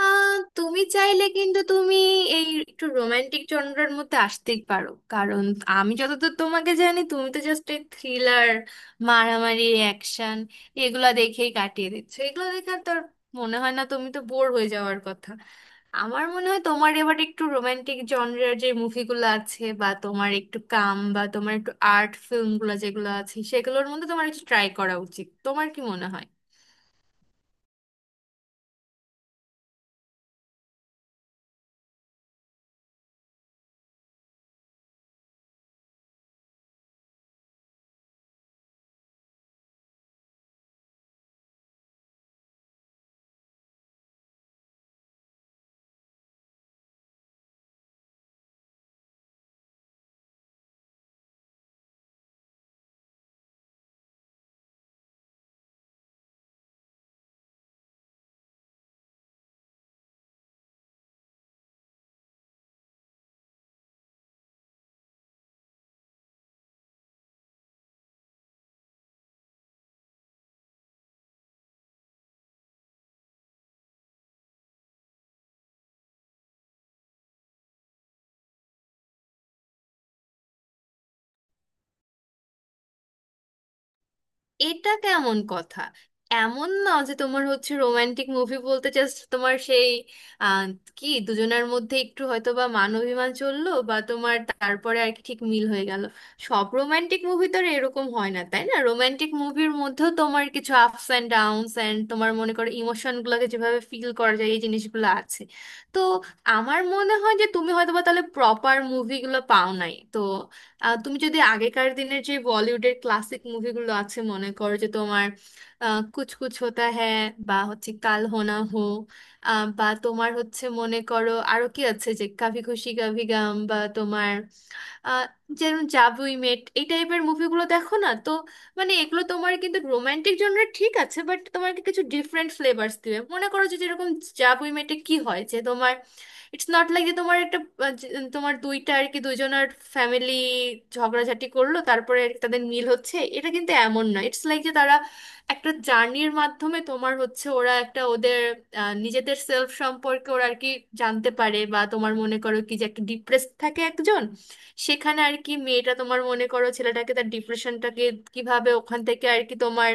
আহ, তুমি চাইলে কিন্তু তুমি একটু রোমান্টিক জনরার মধ্যে আসতেই পারো। কারণ আমি যতদূর তোমাকে জানি, তুমি তো জাস্ট এই থ্রিলার, মারামারি, অ্যাকশন এগুলা দেখেই কাটিয়ে দিচ্ছ। এগুলো দেখে আর তোর মনে হয় না তুমি তো বোর হয়ে যাওয়ার কথা? আমার মনে হয় তোমার এবার একটু রোমান্টিক জনরার যে মুভিগুলো আছে, বা তোমার একটু কাম, বা তোমার একটু আর্ট ফিল্মগুলো যেগুলো আছে সেগুলোর মধ্যে তোমার একটু ট্রাই করা উচিত। তোমার কি মনে হয়? এটা কেমন কথা! এমন না যে তোমার হচ্ছে রোমান্টিক মুভি বলতে জাস্ট তোমার সেই আহ, কি দুজনের মধ্যে একটু হয়তো বা মান অভিমান চললো, বা তোমার তারপরে আর কি ঠিক মিল হয়ে গেল। সব রোমান্টিক মুভি তো আর এরকম হয় না, তাই না? রোমান্টিক মুভির মধ্যেও তোমার কিছু আপস অ্যান্ড ডাউনস অ্যান্ড তোমার মনে করো ইমোশনগুলোকে যেভাবে ফিল করা যায়, এই জিনিসগুলো আছে। তো আমার মনে হয় যে তুমি হয়তো বা তাহলে প্রপার মুভিগুলো পাও নাই। তো তুমি যদি আগেকার দিনের যে বলিউডের ক্লাসিক মুভিগুলো আছে মনে করো যে তোমার কুছ কুছ হোতা হ্যায়, বা হচ্ছে কাল হো না হো, বা তোমার হচ্ছে মনে করো আরো কি আছে যে কাভি খুশি কাভি গম, বা তোমার আহ, যেমন জাভ উই মেট, এই টাইপের মুভিগুলো দেখো না তো। মানে এগুলো তোমার কিন্তু রোমান্টিক জনরা ঠিক আছে, বাট তোমাকে কিছু ডিফারেন্ট ফ্লেভার্স দিবে। মনে করো যে যেরকম জাভ উই মেটে কি হয় যে তোমার ইটস নট লাইক যে তোমার একটা তোমার দুইটা আর কি দুজনের ফ্যামিলি ঝগড়াঝাটি করলো, তারপরে তাদের মিল হচ্ছে, এটা কিন্তু এমন না। ইটস লাইক যে তারা একটা জার্নির মাধ্যমে তোমার হচ্ছে ওরা একটা ওদের নিজেদের সেলফ সম্পর্কে ওরা আর কি জানতে পারে। বা তোমার মনে করো কি যে একটা ডিপ্রেসড থাকে একজন, সেখানে আর কি মেয়েটা তোমার মনে করো ছেলেটাকে তার ডিপ্রেশনটাকে কিভাবে ওখান থেকে আর কি তোমার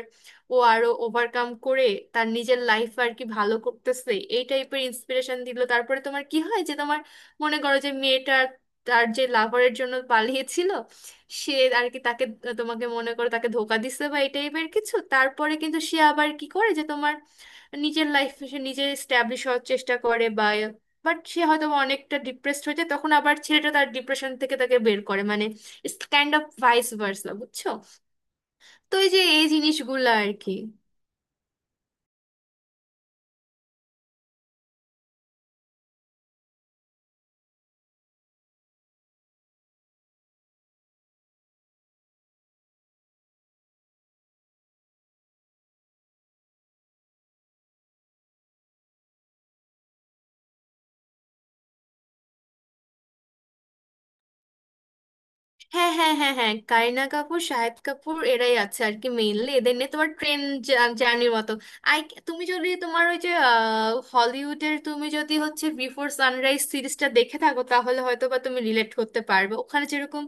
ও আরো ওভারকাম করে, তার নিজের লাইফ আর কি ভালো করতেছে, এই টাইপের ইন্সপিরেশন দিল। তারপরে তোমার কি হয় যে তোমার মনে করো যে মেয়েটা তার যে লাভারের জন্য পালিয়েছিল, সে আর কি তাকে তোমাকে মনে করো তাকে ধোকা দিচ্ছে, বা এই টাইপের কিছু। তারপরে কিন্তু সে আবার কি করে যে তোমার নিজের লাইফ সে নিজে এস্টাবলিশ হওয়ার চেষ্টা করে, বা বাট সে হয়তো বা অনেকটা ডিপ্রেসড হয়ে যায়। তখন আবার ছেলেটা তার ডিপ্রেশন থেকে তাকে বের করে। মানে it's kind of vice versa, বুঝছো? তো এই যে এই জিনিসগুলো আর কি। হ্যাঁ হ্যাঁ হ্যাঁ হ্যাঁ, কারিনা কাপুর, শাহিদ কাপুর এরাই আছে আর কি মেইনলি। এদের নিয়ে তোমার ট্রেন জার্নির মতো। আই, তুমি যদি তোমার ওই যে হলিউডের তুমি যদি হচ্ছে বিফোর সানরাইজ সিরিজটা দেখে থাকো তাহলে হয়তো বা তুমি রিলেট করতে পারবে। ওখানে যেরকম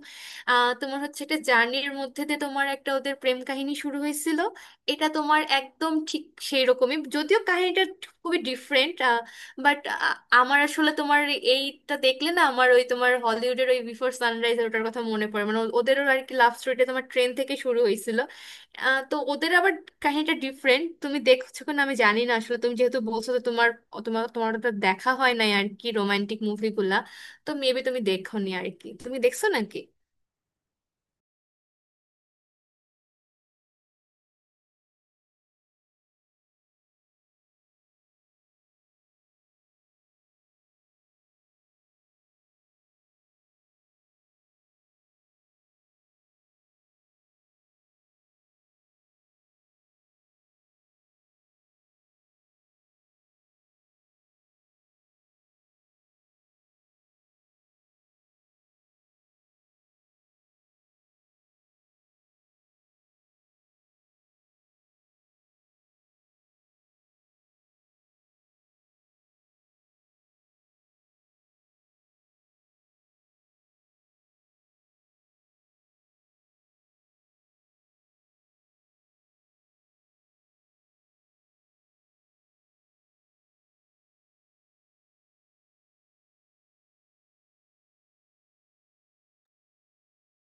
তোমার হচ্ছে একটা জার্নির মধ্যে দিয়ে তোমার একটা ওদের প্রেম কাহিনী শুরু হয়েছিল, এটা তোমার একদম ঠিক সেই রকমই, যদিও কাহিনীটা খুবই ডিফারেন্ট। বাট আমার আসলে তোমার এইটা দেখলে না আমার ওই তোমার হলিউডের ওই বিফোর সানরাইজ ওটার কথা মনে পড়ে। মানে ওদেরও আর কি লাভ স্টোরিটা তোমার ট্রেন থেকে শুরু হয়েছিল। তো ওদের আবার কাহিনীটা ডিফারেন্ট। তুমি দেখছো কিনা আমি জানি না, আসলে তুমি যেহেতু বলছো তো তোমার তোমার তোমার ওটা দেখা হয় নাই আর কি রোমান্টিক মুভিগুলা। তো মেবি তুমি দেখোনি আর কি, তুমি দেখছো নাকি?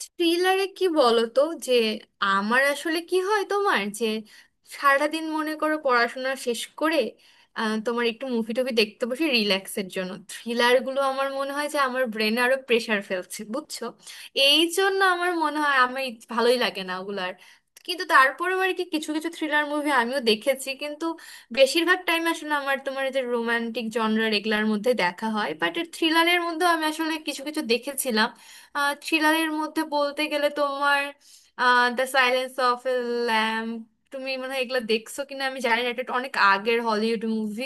থ্রিলারে কি বলতো যে আমার আসলে কি হয় তোমার যে সারাদিন মনে করো পড়াশোনা শেষ করে তোমার একটু মুভি টুভি দেখতে বসে রিল্যাক্সের জন্য, থ্রিলারগুলো আমার মনে হয় যে আমার ব্রেনে আরো প্রেশার ফেলছে, বুঝছো? এই জন্য আমার মনে হয় আমার ভালোই লাগে না ওগুলো। আর কিন্তু তারপরেও আর কি কিছু কিছু থ্রিলার মুভি আমিও দেখেছি। কিন্তু বেশিরভাগ টাইম আসলে আমার তোমার এই যে রোমান্টিক জনরার এগুলার মধ্যে দেখা হয়, বাট থ্রিলারের মধ্যেও আমি আসলে কিছু কিছু দেখেছিলাম। থ্রিলারের মধ্যে বলতে গেলে তোমার the silence of a lamb, তুমি মানে এগুলো দেখছো কিনা আমি জানি না। এটা একটা অনেক আগের হলিউড মুভি।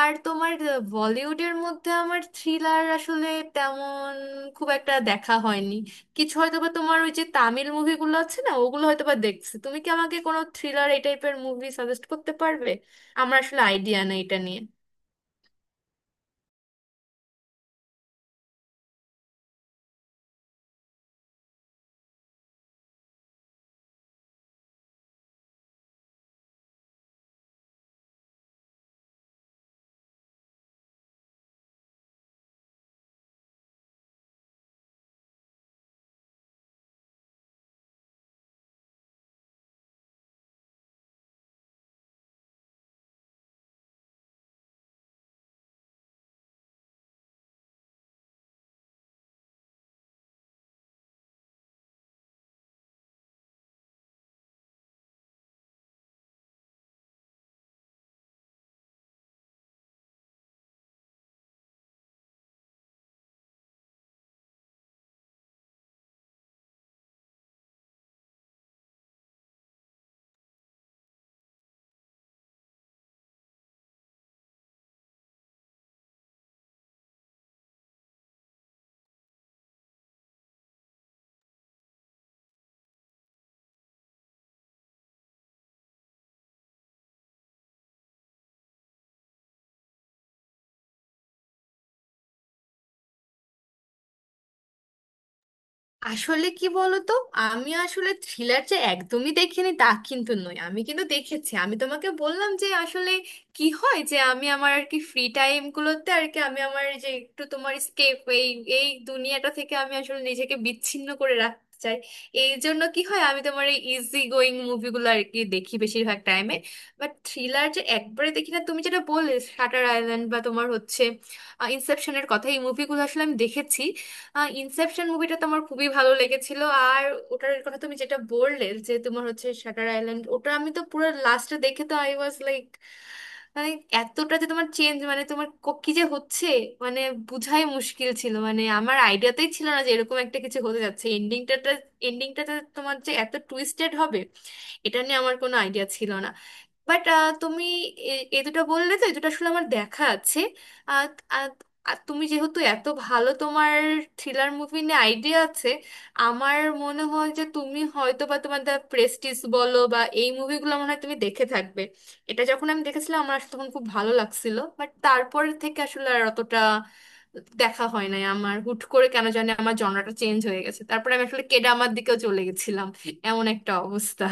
আর তোমার বলিউডের মধ্যে আমার থ্রিলার আসলে তেমন খুব একটা দেখা হয়নি। কিছু হয়তো বা তোমার ওই যে তামিল মুভিগুলো আছে না, ওগুলো হয়তো বা দেখছি। তুমি কি আমাকে কোনো থ্রিলার এই টাইপের মুভি সাজেস্ট করতে পারবে? আমার আসলে আইডিয়া নেই এটা নিয়ে। আসলে কি বলতো, আমি আসলে থ্রিলার যে একদমই দেখিনি তা কিন্তু নয়, আমি কিন্তু দেখেছি। আমি তোমাকে বললাম যে আসলে কি হয় যে আমি আমার আর কি ফ্রি টাইম গুলোতে আর কি আমি আমার যে একটু তোমার স্কেপ এই এই দুনিয়াটা থেকে আমি আসলে নিজেকে বিচ্ছিন্ন করে রাখতে চাই। এই জন্য কি হয়, আমি তোমার এই ইজি গোয়িং মুভিগুলো আর কি দেখি বেশিরভাগ টাইমে। বাট থ্রিলার যে একবারে দেখি না, তুমি যেটা বললে শাটার আইল্যান্ড বা তোমার হচ্ছে ইনসেপশনের কথা, এই মুভিগুলো আসলে আমি দেখেছি। ইনসেপশন মুভিটা তো আমার খুবই ভালো লেগেছিল। আর ওটার কথা তুমি যেটা বললে যে তোমার হচ্ছে শাটার আইল্যান্ড, ওটা আমি তো পুরো লাস্টে দেখে তো আই ওয়াজ লাইক, মানে এতটা যে তোমার চেঞ্জ মানে তোমার কি যে হচ্ছে মানে বুঝাই মুশকিল ছিল। মানে আমার আইডিয়াতেই ছিল না যে এরকম একটা কিছু হতে যাচ্ছে এন্ডিংটাতে। এন্ডিংটাতে তোমার যে এত টুইস্টেড হবে, এটা নিয়ে আমার কোনো আইডিয়া ছিল না। বাট তুমি এ এ দুটো বললে তো এ দুটো আসলে আমার দেখা আছে। আর আর- আর তুমি যেহেতু এত ভালো তোমার থ্রিলার মুভি নিয়ে আইডিয়া আছে, আমার মনে হয় যে তুমি হয়তো বা তোমার দ্য প্রেস্টিজ বলো বা এই মুভিগুলো মনে হয় তুমি দেখে থাকবে। এটা যখন আমি দেখেছিলাম, আমার আসলে তখন খুব ভালো লাগছিল। বাট তারপর থেকে আসলে আর অতটা দেখা হয় নাই আমার। হুট করে কেন জানি আমার জনরাটা চেঞ্জ হয়ে গেছে, তারপরে আমি আসলে কেডামার দিকেও চলে গেছিলাম। এমন একটা অবস্থা।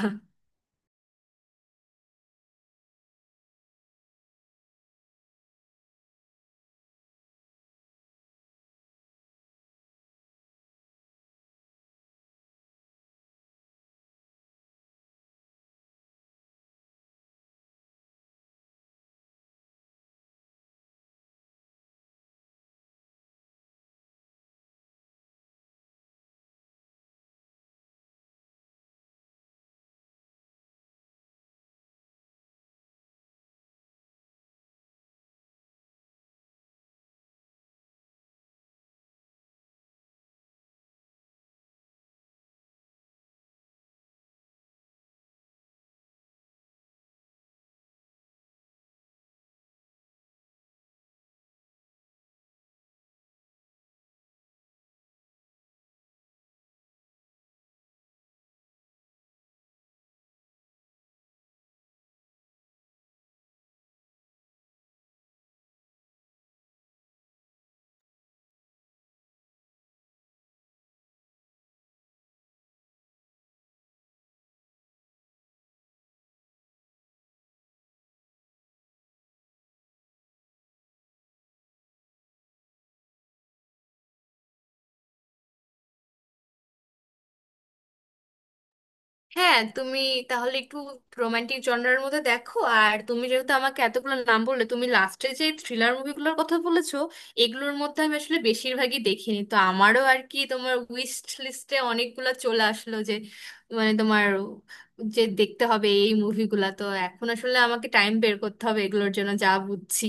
হ্যাঁ, তুমি তাহলে একটু রোমান্টিক জনরার মধ্যে দেখো। আর তুমি যেহেতু আমাকে এতগুলো নাম বললে, তুমি লাস্টে যে থ্রিলার মুভিগুলোর কথা বলেছো এগুলোর মধ্যে আমি আসলে বেশিরভাগই দেখিনি। তো আমারও আর কি তোমার উইশ লিস্টে অনেকগুলো চলে আসলো যে মানে তোমার যে দেখতে হবে এই মুভিগুলা। তো এখন আসলে আমাকে টাইম বের করতে হবে এগুলোর জন্য, যা বুঝছি।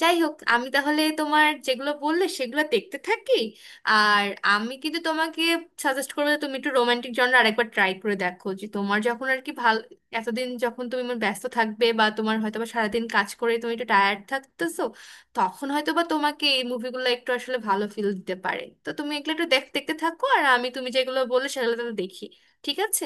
যাই হোক, আমি তাহলে তোমার যেগুলো বললে সেগুলো দেখতে থাকি। আর আমি কিন্তু তোমাকে সাজেস্ট করবো যে তুমি একটু রোমান্টিক জনরা আরেকবার ট্রাই করে দেখো। যে তোমার যখন আর কি ভাল, এতদিন যখন তুমি মানে ব্যস্ত থাকবে বা তোমার হয়তো বা সারাদিন কাজ করে তুমি একটু টায়ার্ড থাকতেছো, তখন হয়তো বা তোমাকে এই মুভিগুলো একটু আসলে ভালো ফিল দিতে পারে। তো তুমি এগুলো একটু দেখ, দেখতে থাকো। আর আমি তুমি যেগুলো বললে সেগুলো তো দেখি। ঠিক আছে?